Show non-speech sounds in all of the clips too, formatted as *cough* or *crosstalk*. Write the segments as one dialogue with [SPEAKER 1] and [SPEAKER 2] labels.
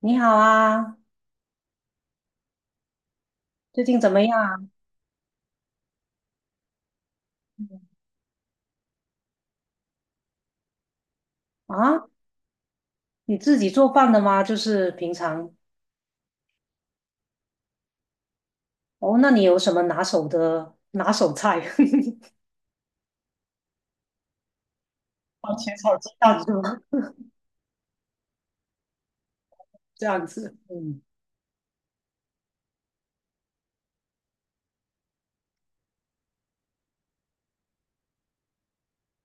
[SPEAKER 1] 你好啊，最近怎么样啊？啊，你自己做饭的吗？就是平常哦，那你有什么拿手的菜？*laughs* 番茄炒鸡蛋是吗？*laughs* 这样子，嗯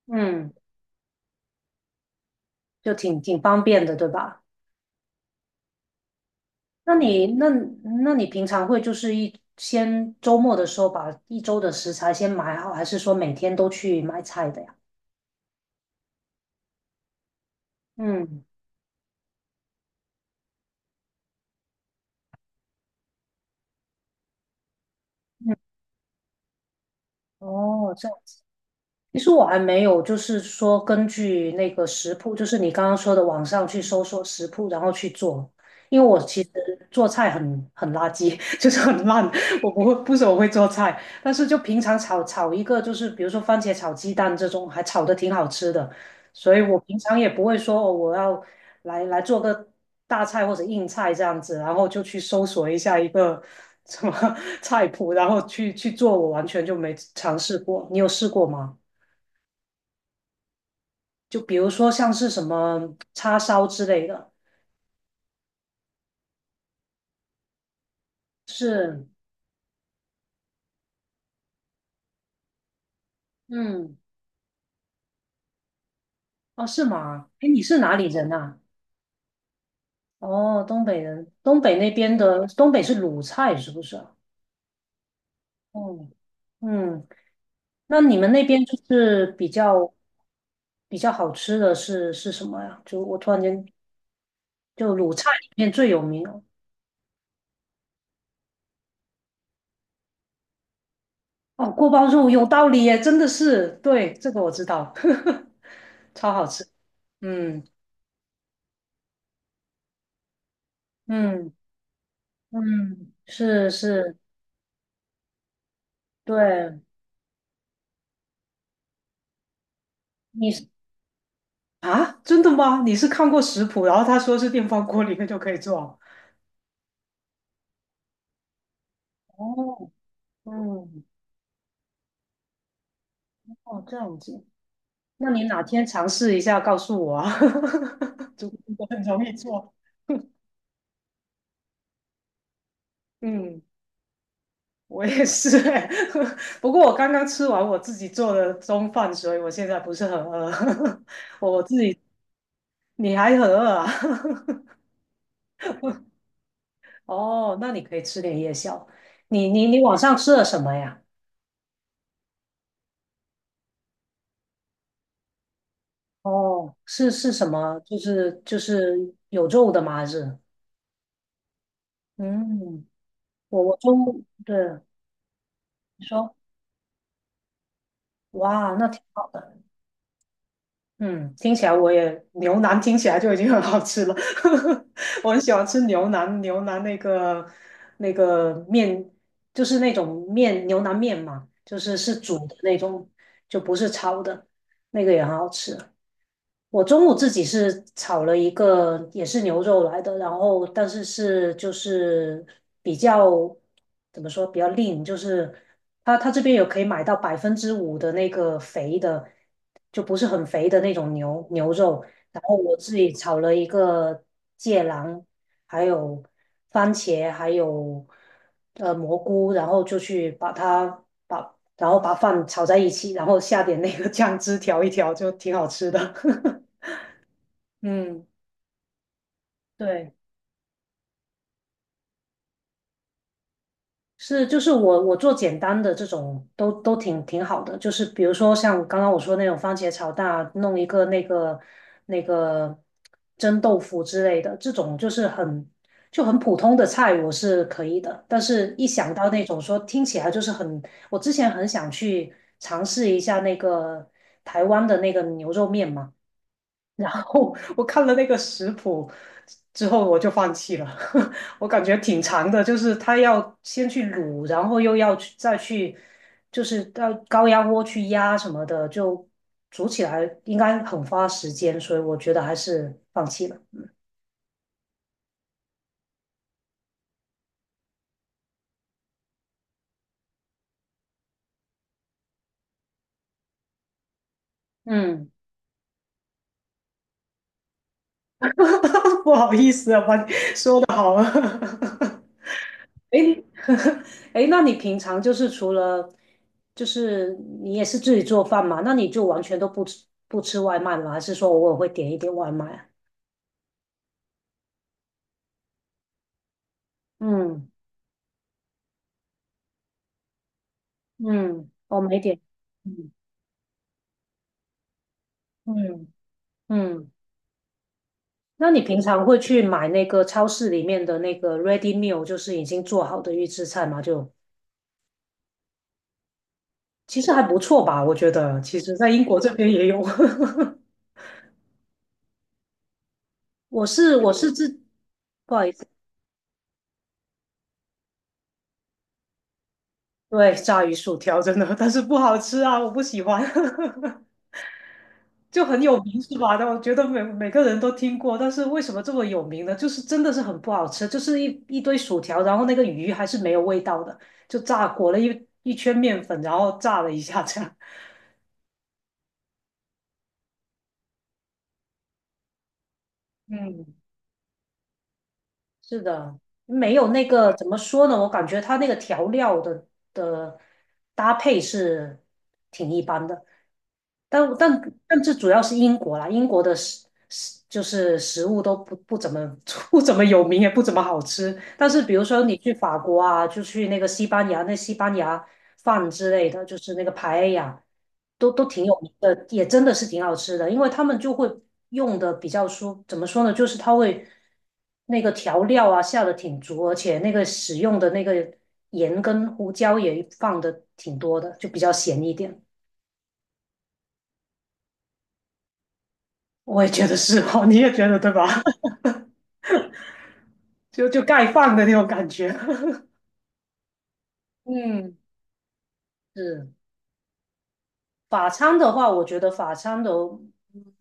[SPEAKER 1] 嗯，就挺方便的，对吧？那你那那你平常会就是先周末的时候把一周的食材先买好，还是说每天都去买菜的呀？嗯嗯，哦，这样。其实我还没有，就是说根据那个食谱，就是你刚刚说的网上去搜索食谱，然后去做。因为我其实做菜很垃圾，*laughs* 就是很烂，我不怎么会做菜。但是就平常炒一个，就是比如说番茄炒鸡蛋这种，还炒的挺好吃的。所以我平常也不会说哦，我要来做个大菜或者硬菜这样子，然后就去搜索一下一个什么 *laughs* 菜谱，然后去做，我完全就没尝试过。你有试过吗？就比如说像是什么叉烧之类的，是，嗯，哦，是吗？哎，你是哪里人啊？哦，东北人，东北那边的，东北是鲁菜是不是啊？哦，嗯，那你们那边就是比较比较好吃的是什么呀？就我突然间就鲁菜里面最有名哦，哦，锅包肉有道理耶，真的是，对，这个我知道，*laughs* 超好吃，嗯嗯嗯，是是，对。你是啊，真的吗？你是看过食谱，然后他说是电饭锅里面就可以做？哦，嗯，哦，这样子，那你哪天尝试一下告诉我啊？*laughs* 煮果很容易做。嗯，我也是欸 *laughs* 不过我刚刚吃完我自己做的中饭，所以我现在不是很饿。*laughs* 我自己，你还很饿啊？*laughs* 哦，那你可以吃点夜宵。你晚上吃了什么呀？哦，是什么？就是有肉的吗？还是？嗯，我我中对你说，哇，那挺好的。嗯，听起来我也牛腩听起来就已经很好吃了。*laughs* 我很喜欢吃牛腩，牛腩那个面就是那种面牛腩面嘛，就是是煮的那种，就不是焯的，那个也很好吃。我中午自己是炒了一个也是牛肉来的，然后但是就是比较怎么说比较 lean，就是它这边有可以买到百分之五的那个肥的，就不是很肥的那种肉。然后我自己炒了一个芥蓝，还有番茄，还有蘑菇，然后就去把它把然后把饭炒在一起，然后下点那个酱汁调一调，就挺好吃的。*laughs* 嗯，对，是就是我做简单的这种都挺好的，就是比如说像刚刚我说那种番茄炒蛋啊，弄一个那个蒸豆腐之类的，这种就是就很普通的菜，我是可以的。但是一想到那种说听起来就是很，我之前很想去尝试一下那个台湾的那个牛肉面嘛。然后我看了那个食谱之后，我就放弃了。*laughs* 我感觉挺长的，就是它要先去卤，然后又要再去，就是到高压锅去压什么的，就煮起来应该很花时间，所以我觉得还是放弃了。嗯，*laughs* 不好意思啊，把你说的好了。*laughs* 诶，*laughs* 诶，那你平常就是除了，就是你也是自己做饭嘛？那你就完全都不吃外卖吗？还是说偶尔会点一点外卖啊？嗯嗯，我没点。嗯嗯嗯，那你平常会去买那个超市里面的那个 ready meal，就是已经做好的预制菜吗？就其实还不错吧，我觉得。其实，在英国这边也有。*laughs* 我是自，不好意思。对，炸鱼薯条真的，但是不好吃啊，我不喜欢，*laughs* 就很有名是吧？但我觉得每个人都听过，但是为什么这么有名呢？就是真的是很不好吃，就是一堆薯条，然后那个鱼还是没有味道的，就炸裹了一圈面粉，然后炸了一下这样。*laughs* 嗯是的，没有那个怎么说呢？我感觉它那个调料的的搭配是挺一般的，但但但这主要是英国啦，英国的就是食物都不怎么 *laughs* 不怎么有名，也不怎么好吃。但是比如说你去法国啊，就去那个西班牙，那西班牙饭之类的，就是那个排呀，都挺有名的，也真的是挺好吃的。因为他们就会用的比较说，怎么说呢，就是他会那个调料啊下的挺足，而且那个使用的那个盐跟胡椒也放的挺多的，就比较咸一点。我也觉得是哦，你也觉得对吧？*laughs* 就盖饭的那种感觉。*laughs* 嗯，是。法餐的话，我觉得法餐的，嗯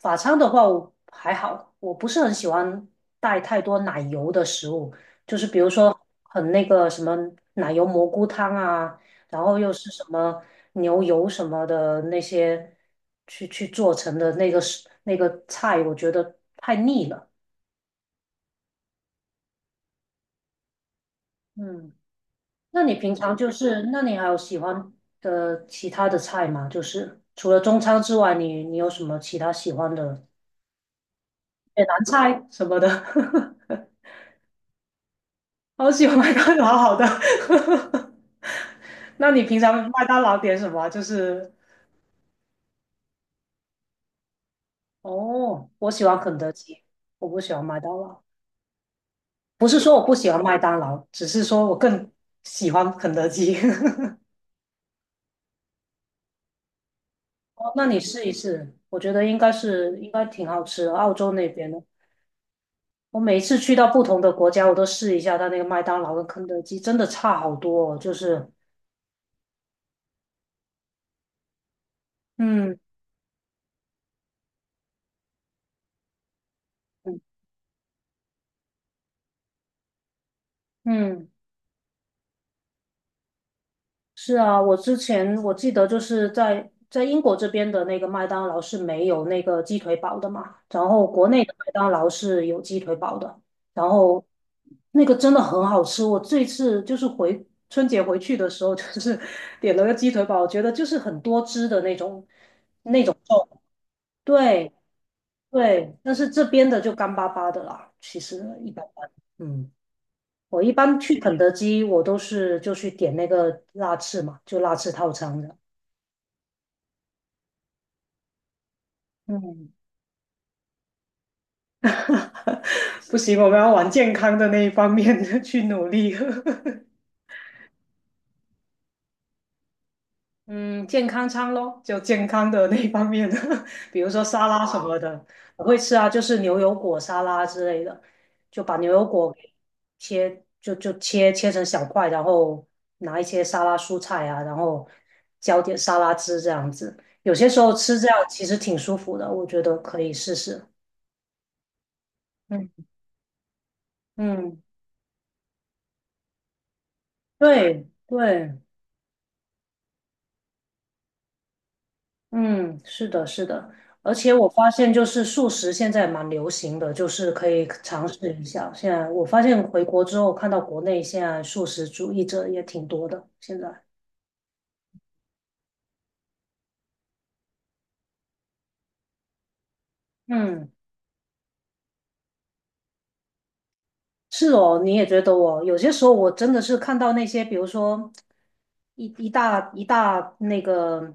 [SPEAKER 1] 法餐的话我还好，我不是很喜欢带太多奶油的食物，就是比如说很那个什么奶油蘑菇汤啊，然后又是什么牛油什么的那些去做成的那个食那个菜，我觉得太腻了。嗯，那你平常就是，那你还有喜欢的其他的菜吗？就是除了中餐之外，你你有什么其他喜欢的？也难猜什么的，*laughs* 好喜欢麦当劳，好的。*laughs* 那你平常麦当劳点什么啊就是哦，我喜欢肯德基，我不喜欢麦当劳。不是说我不喜欢麦当劳，只是说我更喜欢肯德基。*laughs* 哦，那你试一试，我觉得应该挺好吃的，澳洲那边的。我每一次去到不同的国家，我都试一下它那个麦当劳跟肯德基，真的差好多哦。就是，嗯嗯嗯，是啊，我之前我记得就是在英国这边的那个麦当劳是没有那个鸡腿堡的嘛，然后国内的麦当劳是有鸡腿堡的，然后那个真的很好吃。我这次就是春节回去的时候，就是 *laughs* 点了个鸡腿堡，我觉得就是很多汁的那种，对对，但是这边的就干巴巴的啦，其实一般般。嗯，我一般去肯德基，我都是就去点那个辣翅嘛，就辣翅套餐的。嗯。*laughs* 不行，我们要往健康的那一方面 *laughs* 去努力。*laughs* 嗯，健康餐咯，就健康的那一方面，*laughs* 比如说沙拉什么啊的，我会吃啊，就是牛油果沙拉之类的，就把牛油果给切，就切成小块，然后拿一些沙拉蔬菜啊，然后浇点沙拉汁这样子。有些时候吃这样其实挺舒服的，我觉得可以试试。嗯嗯，对对。嗯，是的，是的，而且我发现就是素食现在蛮流行的，就是可以尝试一下。现在我发现回国之后，看到国内现在素食主义者也挺多的，现在。嗯。是哦，你也觉得哦，有些时候我真的是看到那些，比如说一大那个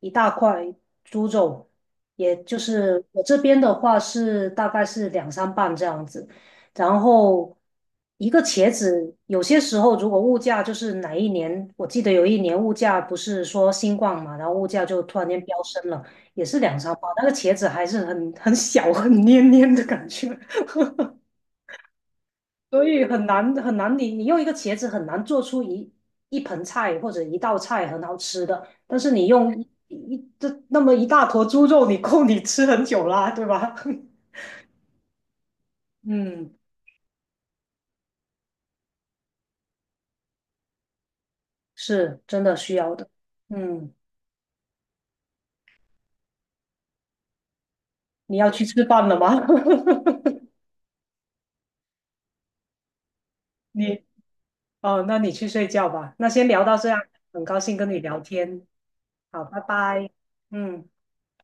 [SPEAKER 1] 一大块猪肘，也就是我这边的话是大概是两三磅这样子，然后一个茄子，有些时候如果物价就是哪一年，我记得有一年物价不是说新冠嘛，然后物价就突然间飙升了，也是两三磅，那个茄子还是很小黏黏的感觉。所以很难，用一个茄子很难做出一盆菜或者一道菜很好吃的，但是你用一一这那么一大坨猪肉，你够你吃很久啦，对吧？*laughs* 嗯，是真的需要的。嗯，你要去吃饭了吗？*laughs* 你哦，那你去睡觉吧。那先聊到这样，很高兴跟你聊天。好，拜拜。嗯。